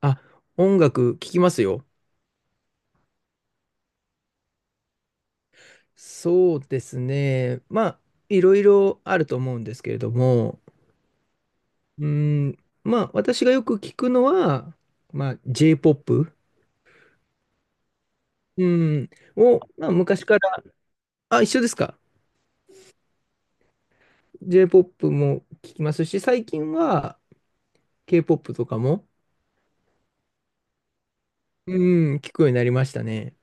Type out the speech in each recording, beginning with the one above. あ、音楽聴きますよ。そうですね。まあ、いろいろあると思うんですけれども、うん、まあ、私がよく聞くのは、まあ、J-POP、うん、を、まあ、昔から。あ、一緒ですか？J-POP も聞きますし、最近は K-POP とかも、うん、聞くようになりましたね。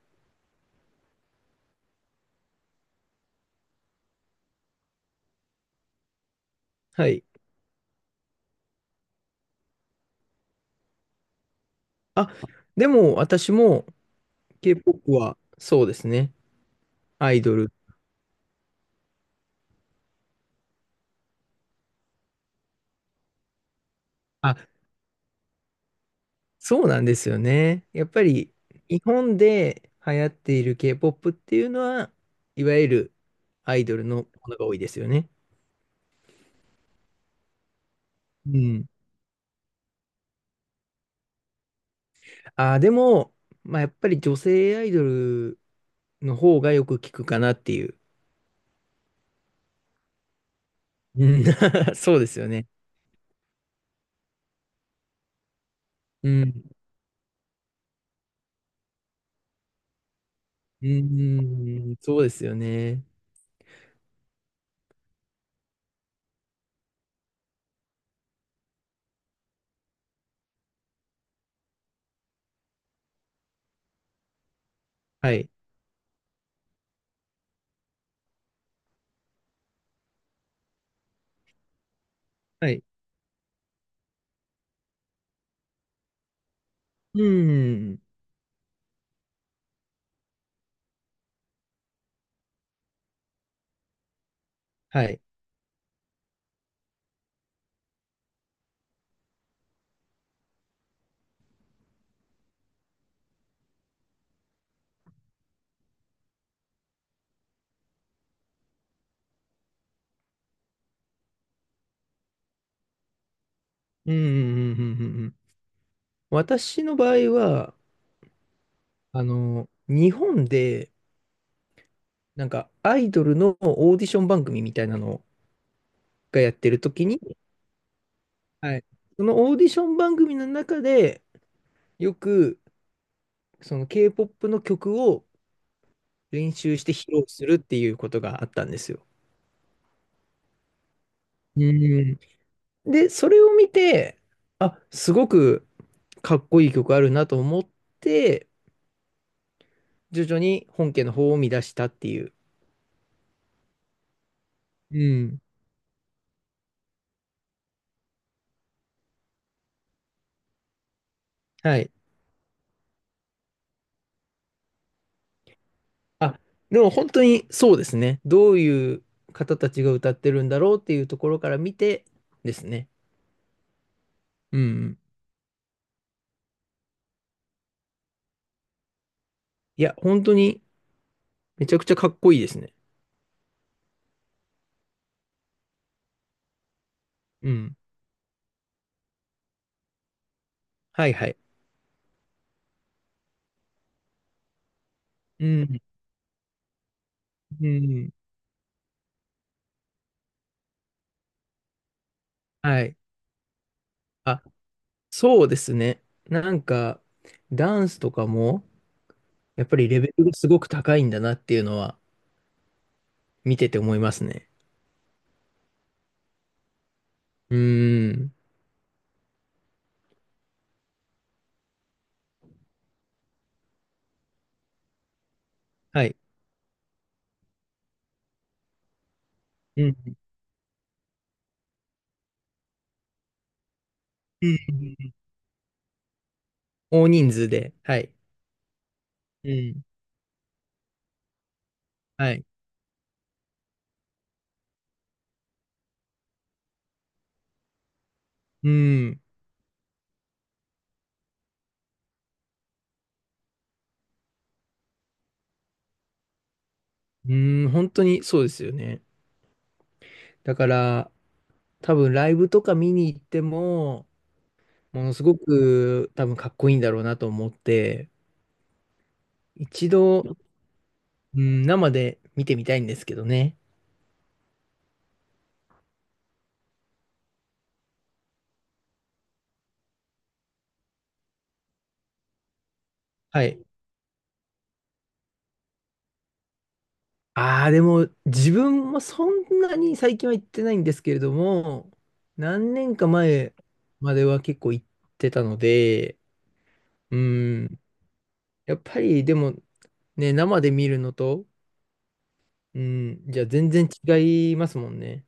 はい。あ、でも私も K-POP は、そうですね。アイドル。あ、そうなんですよね。やっぱり日本で流行っている K-POP っていうのは、いわゆるアイドルのものが多いですよね。うん。でも、まあ、やっぱり女性アイドルの方がよく聞くかなっていう。うん、 そうですよね。うん。うん、そうですよね。はい。はい。うん。はい。うん。うんうんうんうんうん。私の場合は、日本で、なんか、アイドルのオーディション番組みたいなのがやってる時に、はい、そのオーディション番組の中で、よく、その K-POP の曲を練習して披露するっていうことがあったんですよ。うん。で、それを見て、あ、すごくかっこいい曲あるなと思って、徐々に本家の方を見出したっていう。うん。はい。あ、でも本当にそうですね。どういう方たちが歌ってるんだろうっていうところから見てですね。うんうん。いや、本当にめちゃくちゃかっこいいですね。うん。はいはい。うん。うん。はい。あ、そうですね。なんか、ダンスとかも、やっぱりレベルがすごく高いんだなっていうのは見てて思いますね。うーん。はい。うん。うん。大人数で。はい。うん。はい。うん。うーん、本当にそうですよね。だから、多分ライブとか見に行っても、ものすごく多分かっこいいんだろうなと思って、一度、うん、生で見てみたいんですけどね。はい。ああ、でも自分もそんなに最近は行ってないんですけれども、何年か前までは結構行ってたので、うん、やっぱりでもね、生で見るのと、うん、じゃあ全然違いますもんね。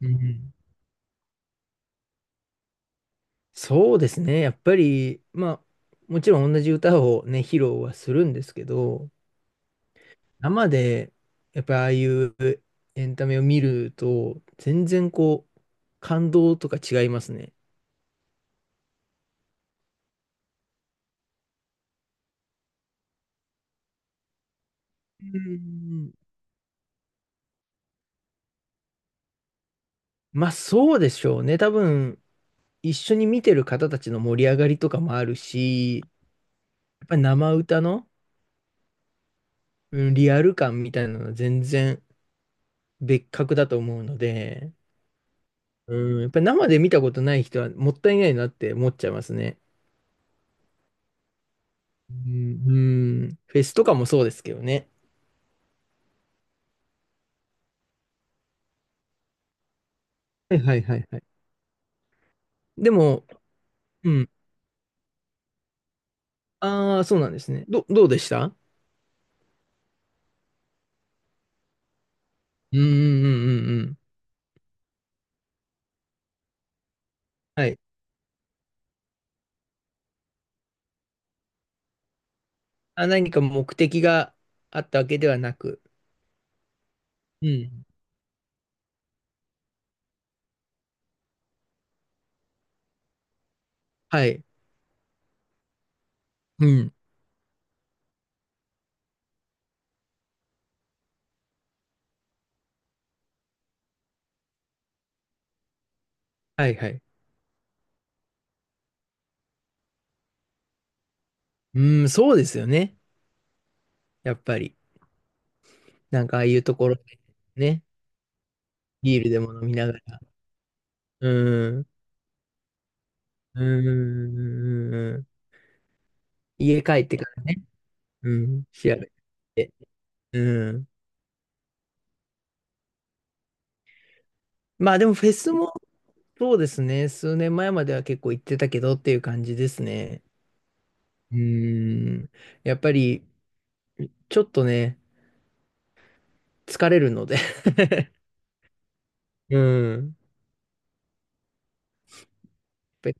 うん、そうですね。やっぱり、まあ、もちろん同じ歌をね、披露はするんですけど、生で、やっぱりああいうエンタメを見ると、全然こう、感動とか違いますね。うん、まあ、そうでしょうね。多分、一緒に見てる方たちの盛り上がりとかもあるし、やっぱり生歌の、うん、リアル感みたいなのは全然別格だと思うので、うん、やっぱり生で見たことない人はもったいないなって思っちゃいますね。うん、うん、フェスとかもそうですけどね。はいはいはいはい。でも、うん。ああ、そうなんですね。どうでした？うんうんうんうんうん。はい。あ、何か目的があったわけではなく。うん。はい。うん。はいはい。うん、そうですよね。やっぱり。なんかああいうところでね。ビールでも飲みながら。うん。うんうんうんうん。家帰ってからね。うん。調べて。うん。まあでもフェスもそうですね。数年前までは結構行ってたけどっていう感じですね。うーん。やっぱり、ちょっとね、疲れるので うん。やっぱり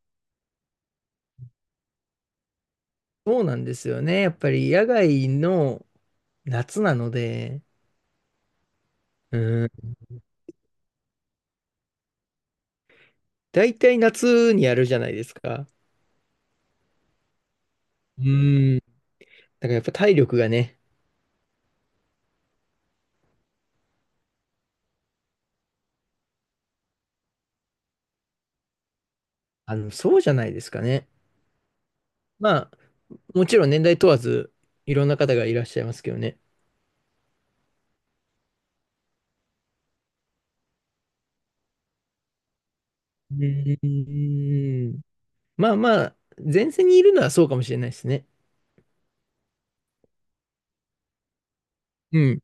そうなんですよね。やっぱり野外の夏なので、うん。大体夏にやるじゃないですか。うん。だからやっぱ体力がね、そうじゃないですかね。まあ、もちろん年代問わず、いろんな方がいらっしゃいますけどね。うーん。まあまあ、前線にいるのはそうかもしれないですね。うん。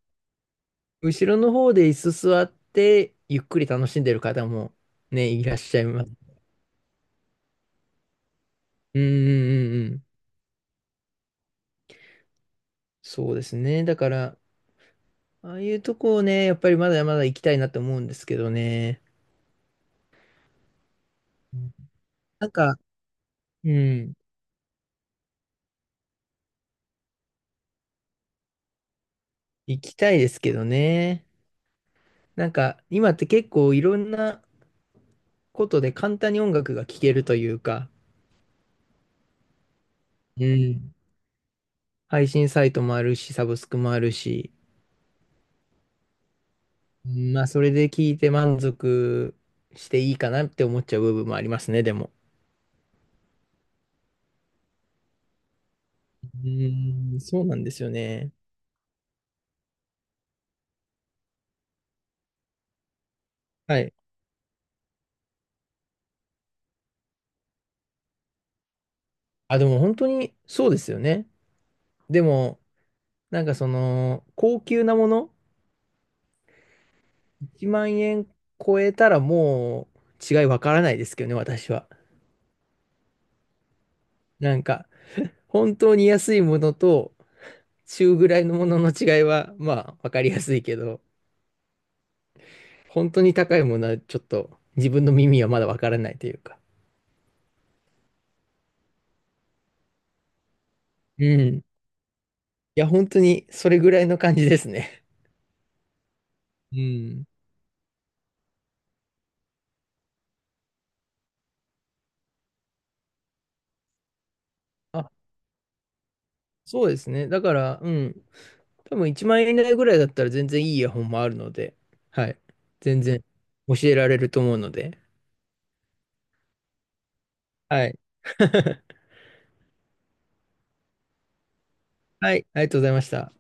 後ろの方で椅子座って、ゆっくり楽しんでる方もね、いらっしゃいます。うんうんうんうん。そうですね。だから、ああいうとこをね、やっぱりまだまだ行きたいなと思うんですけどね。なんか、うん、行きたいですけどね。なんか、今って結構いろんなことで簡単に音楽が聴けるというか、うん。配信サイトもあるし、サブスクもあるし、まあ、それで聞いて満足していいかなって思っちゃう部分もありますね、でも。うーん、そうなんですよね。はい。あ、でも本当にそうですよね。でも、なんかその、高級なもの、1万円超えたらもう違いわからないですけどね、私は。なんか、本当に安いものと中ぐらいのものの違いは、まあ、わかりやすいけど、本当に高いものはちょっと自分の耳はまだわからないというか。うん。いや、本当にそれぐらいの感じですね。うん。あ、そうですね。だから、うん。多分1万円以内ぐらいだったら全然いいイヤホンもあるので、はい。全然教えられると思うので、はい。はい、ありがとうございました。